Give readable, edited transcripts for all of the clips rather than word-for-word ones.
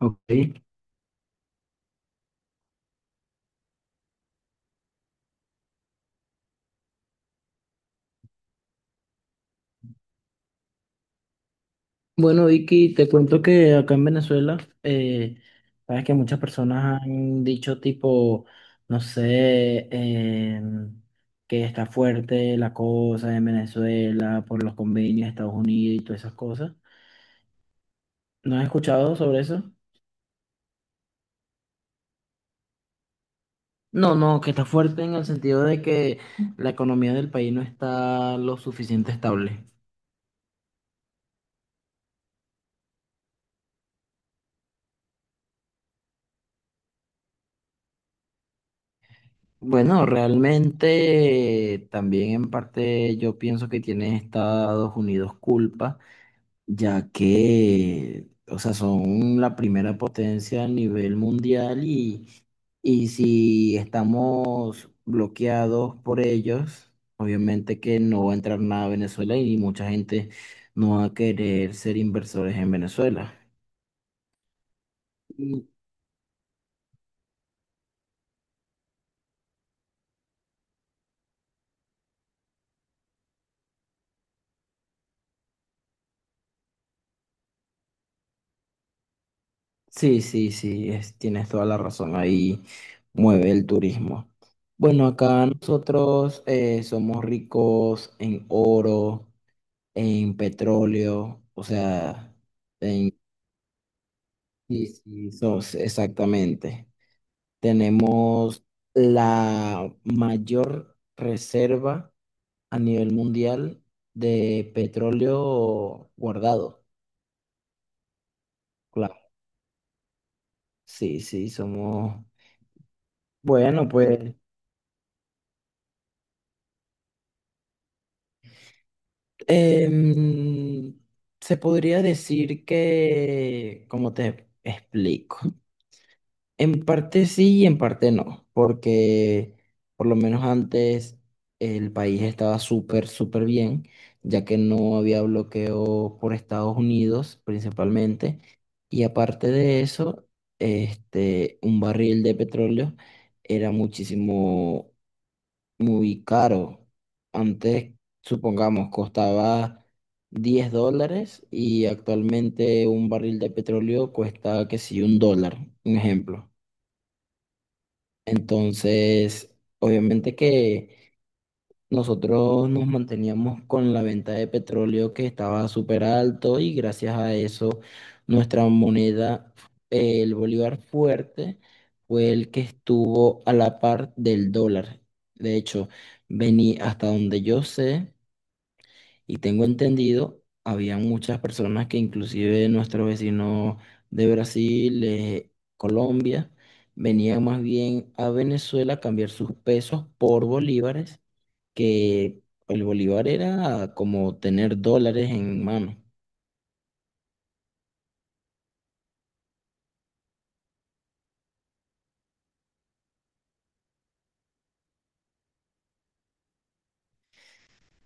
Ok. Bueno, Vicky, te cuento que acá en Venezuela, sabes que muchas personas han dicho tipo, no sé, que está fuerte la cosa en Venezuela por los convenios de Estados Unidos y todas esas cosas. ¿No has escuchado sobre eso? No, no, que está fuerte en el sentido de que la economía del país no está lo suficiente estable. Bueno, realmente también en parte yo pienso que tiene Estados Unidos culpa ya que, o sea, son la primera potencia a nivel mundial y si estamos bloqueados por ellos, obviamente que no va a entrar nada a Venezuela y mucha gente no va a querer ser inversores en Venezuela. Mm. Sí, sí, sí, tienes toda la razón, ahí mueve el turismo. Bueno, acá nosotros somos ricos en oro, en petróleo, o sea, en sí, sí, exactamente. Tenemos la mayor reserva a nivel mundial de petróleo guardado. Claro, sí, sí, somos... Bueno, pues em, se podría decir que, como te explico? En parte sí y en parte no, porque por lo menos antes el país estaba súper, súper bien, ya que no había bloqueo por Estados Unidos principalmente. Y aparte de eso, este, un barril de petróleo era muchísimo, muy caro. Antes, supongamos, costaba $10 y actualmente un barril de petróleo cuesta, que sí, $1, un ejemplo. Entonces, obviamente que nosotros nos manteníamos con la venta de petróleo que estaba súper alto y gracias a eso nuestra moneda, el bolívar fuerte, fue el que estuvo a la par del dólar. De hecho, vení hasta donde yo sé. Y tengo entendido, había muchas personas que inclusive nuestros vecinos de Brasil, Colombia, venían más bien a Venezuela a cambiar sus pesos por bolívares, que el bolívar era como tener dólares en mano.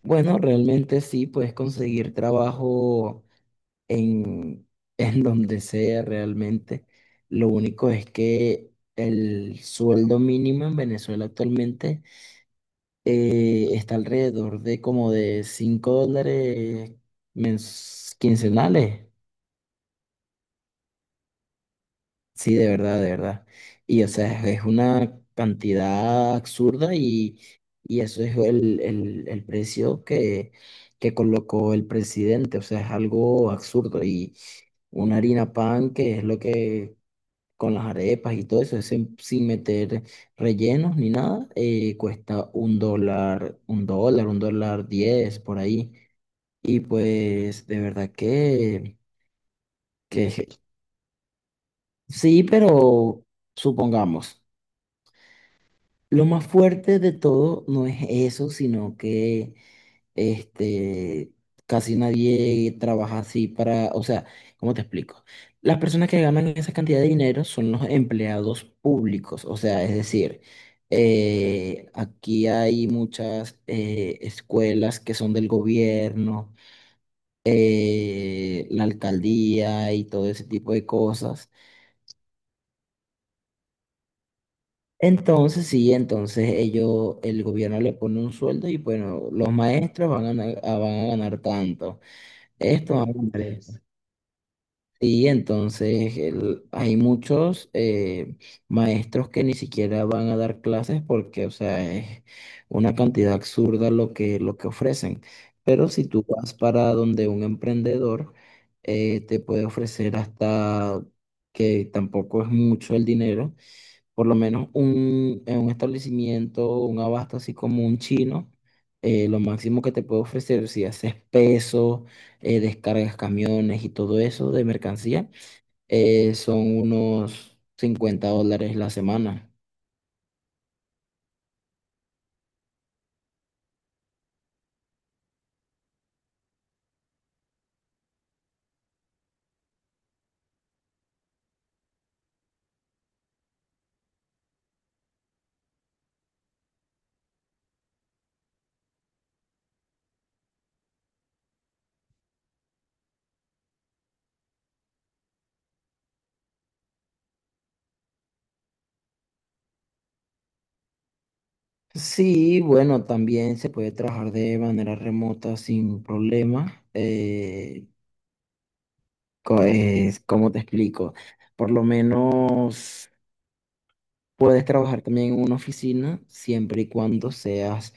Bueno, realmente sí, puedes conseguir trabajo en, en donde sea realmente. Lo único es que el sueldo mínimo en Venezuela actualmente está alrededor de como de $5 quincenales. Sí, de verdad, de verdad. Y o sea, es una cantidad absurda y eso es el precio que colocó el presidente. O sea, es algo absurdo. Y una harina pan, que es lo que con las arepas y todo eso, sin meter rellenos ni nada, cuesta $1, $1, $1.10 por ahí. Y pues de verdad que, que je- sí, pero supongamos, lo más fuerte de todo no es eso, sino que este, casi nadie trabaja así para, o sea, ¿cómo te explico? Las personas que ganan esa cantidad de dinero son los empleados públicos, o sea, es decir, aquí hay muchas escuelas que son del gobierno, la alcaldía y todo ese tipo de cosas. Entonces, sí, entonces ellos, el gobierno le pone un sueldo y bueno, los maestros van a ganar tanto. Esto van a ganar esto. Sí, entonces hay muchos maestros que ni siquiera van a dar clases porque, o sea, es una cantidad absurda lo que ofrecen. Pero si tú vas para donde un emprendedor te puede ofrecer hasta que tampoco es mucho el dinero, por lo menos en un establecimiento, un abasto así como un chino, lo máximo que te puede ofrecer si haces peso, descargas camiones y todo eso de mercancía, son unos $50 la semana. Sí, bueno, también se puede trabajar de manera remota sin problema. ¿Cómo te explico? Por lo menos... Puedes trabajar también en una oficina siempre y cuando seas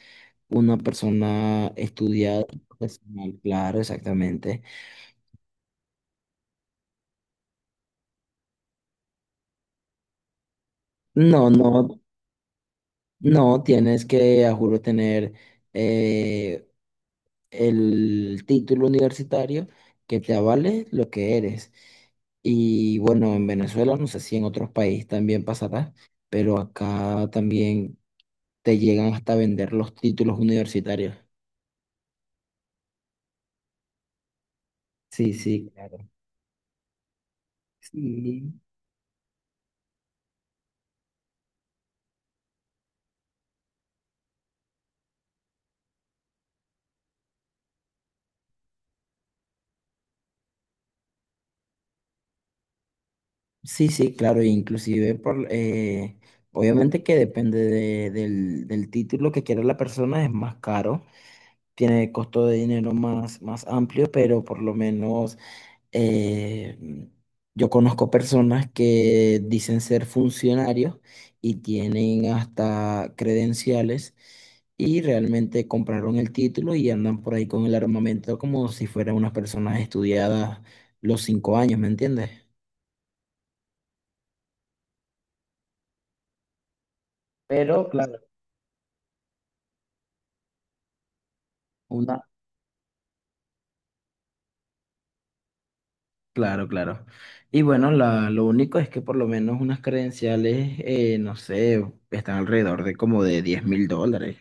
una persona estudiada, profesional, claro, exactamente. No, no, no tienes que, a juro, tener eh, el título universitario que te avale lo que eres. Y bueno, en Venezuela, no sé si en otros países también pasará, pero acá también te llegan hasta vender los títulos universitarios. Sí, sí, claro. Sí. Sí, sí, claro, e inclusive por, obviamente que depende del título que quiera la persona, es más caro, tiene costo de dinero más, más amplio, pero por lo menos eh, yo conozco personas que dicen ser funcionarios y tienen hasta credenciales y realmente compraron el título y andan por ahí con el armamento como si fueran unas personas estudiadas los 5 años, ¿me entiendes? Pero, claro. una Claro, claro. Y bueno, lo único es que por lo menos unas credenciales, no sé, están alrededor de como de $10,000.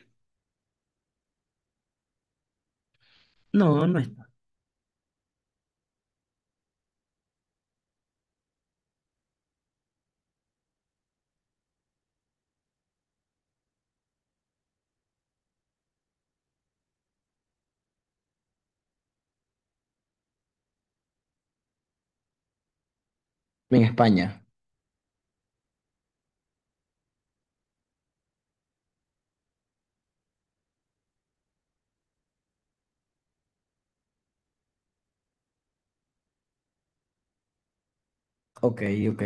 No, no está. En España. Ok, ok.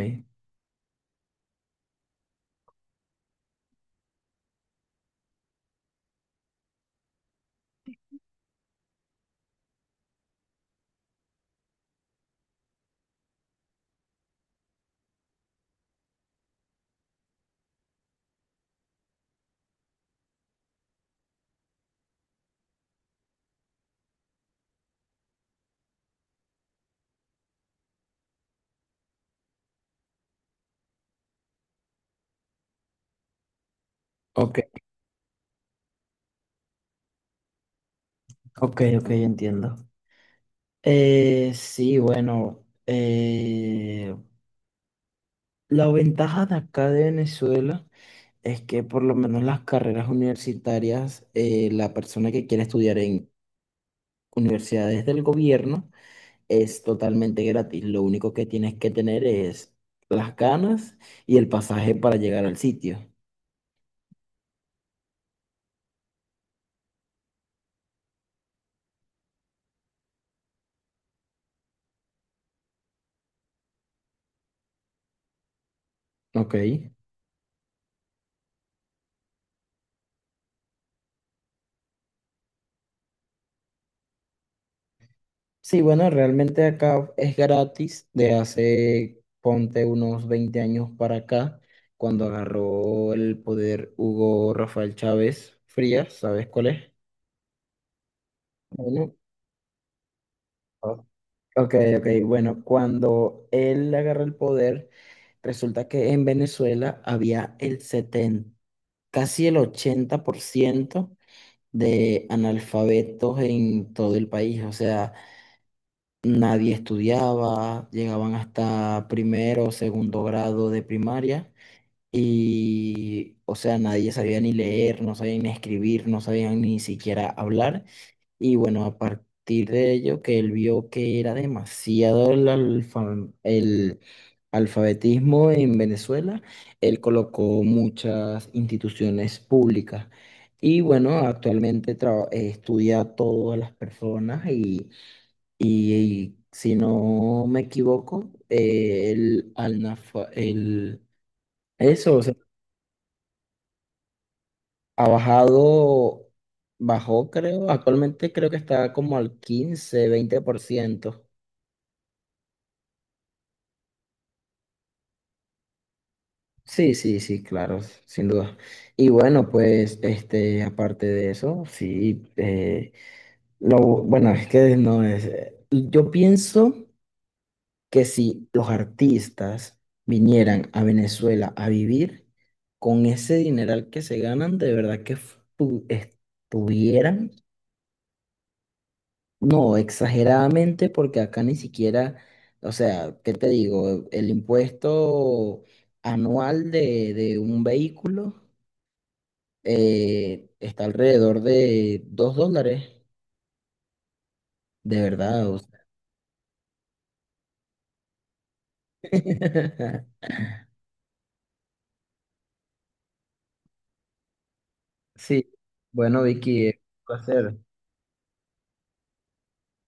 Ok, ok, ok, entiendo. Sí, bueno, la ventaja de acá de Venezuela es que por lo menos las carreras universitarias, la persona que quiere estudiar en universidades del gobierno, es totalmente gratis. Lo único que tienes que tener es las ganas y el pasaje para llegar al sitio. Ok. Sí, bueno, realmente acá es gratis de hace, ponte unos 20 años para acá, cuando agarró el poder Hugo Rafael Chávez Frías, ¿sabes cuál es? Bueno, o- ok, ok, bueno, cuando él agarró el poder, resulta que en Venezuela había el 70, casi el 80% de analfabetos en todo el país, o sea, nadie estudiaba, llegaban hasta primero o segundo grado de primaria y, o sea, nadie sabía ni leer, no sabían ni escribir, no sabían ni siquiera hablar. Y bueno, a partir de ello, que él vio que era demasiado el alfabetismo en Venezuela, él colocó muchas instituciones públicas. Y bueno, actualmente estudia a todas las personas y- y si no me equivoco, eso, o sea, ha bajado, bajó, creo, actualmente creo que está como al 15-20%. Sí, sí, sí, claro, sin duda. Y bueno, pues, este, aparte de eso, sí, bueno, es que no es, yo pienso que si los artistas vinieran a Venezuela a vivir con ese dineral que se ganan, de verdad que estuvieran, no, exageradamente, porque acá ni siquiera, o sea, ¿qué te digo? El impuesto anual de un vehículo está alrededor de $2, de verdad. O sea. Sí, bueno, Vicky, un placer.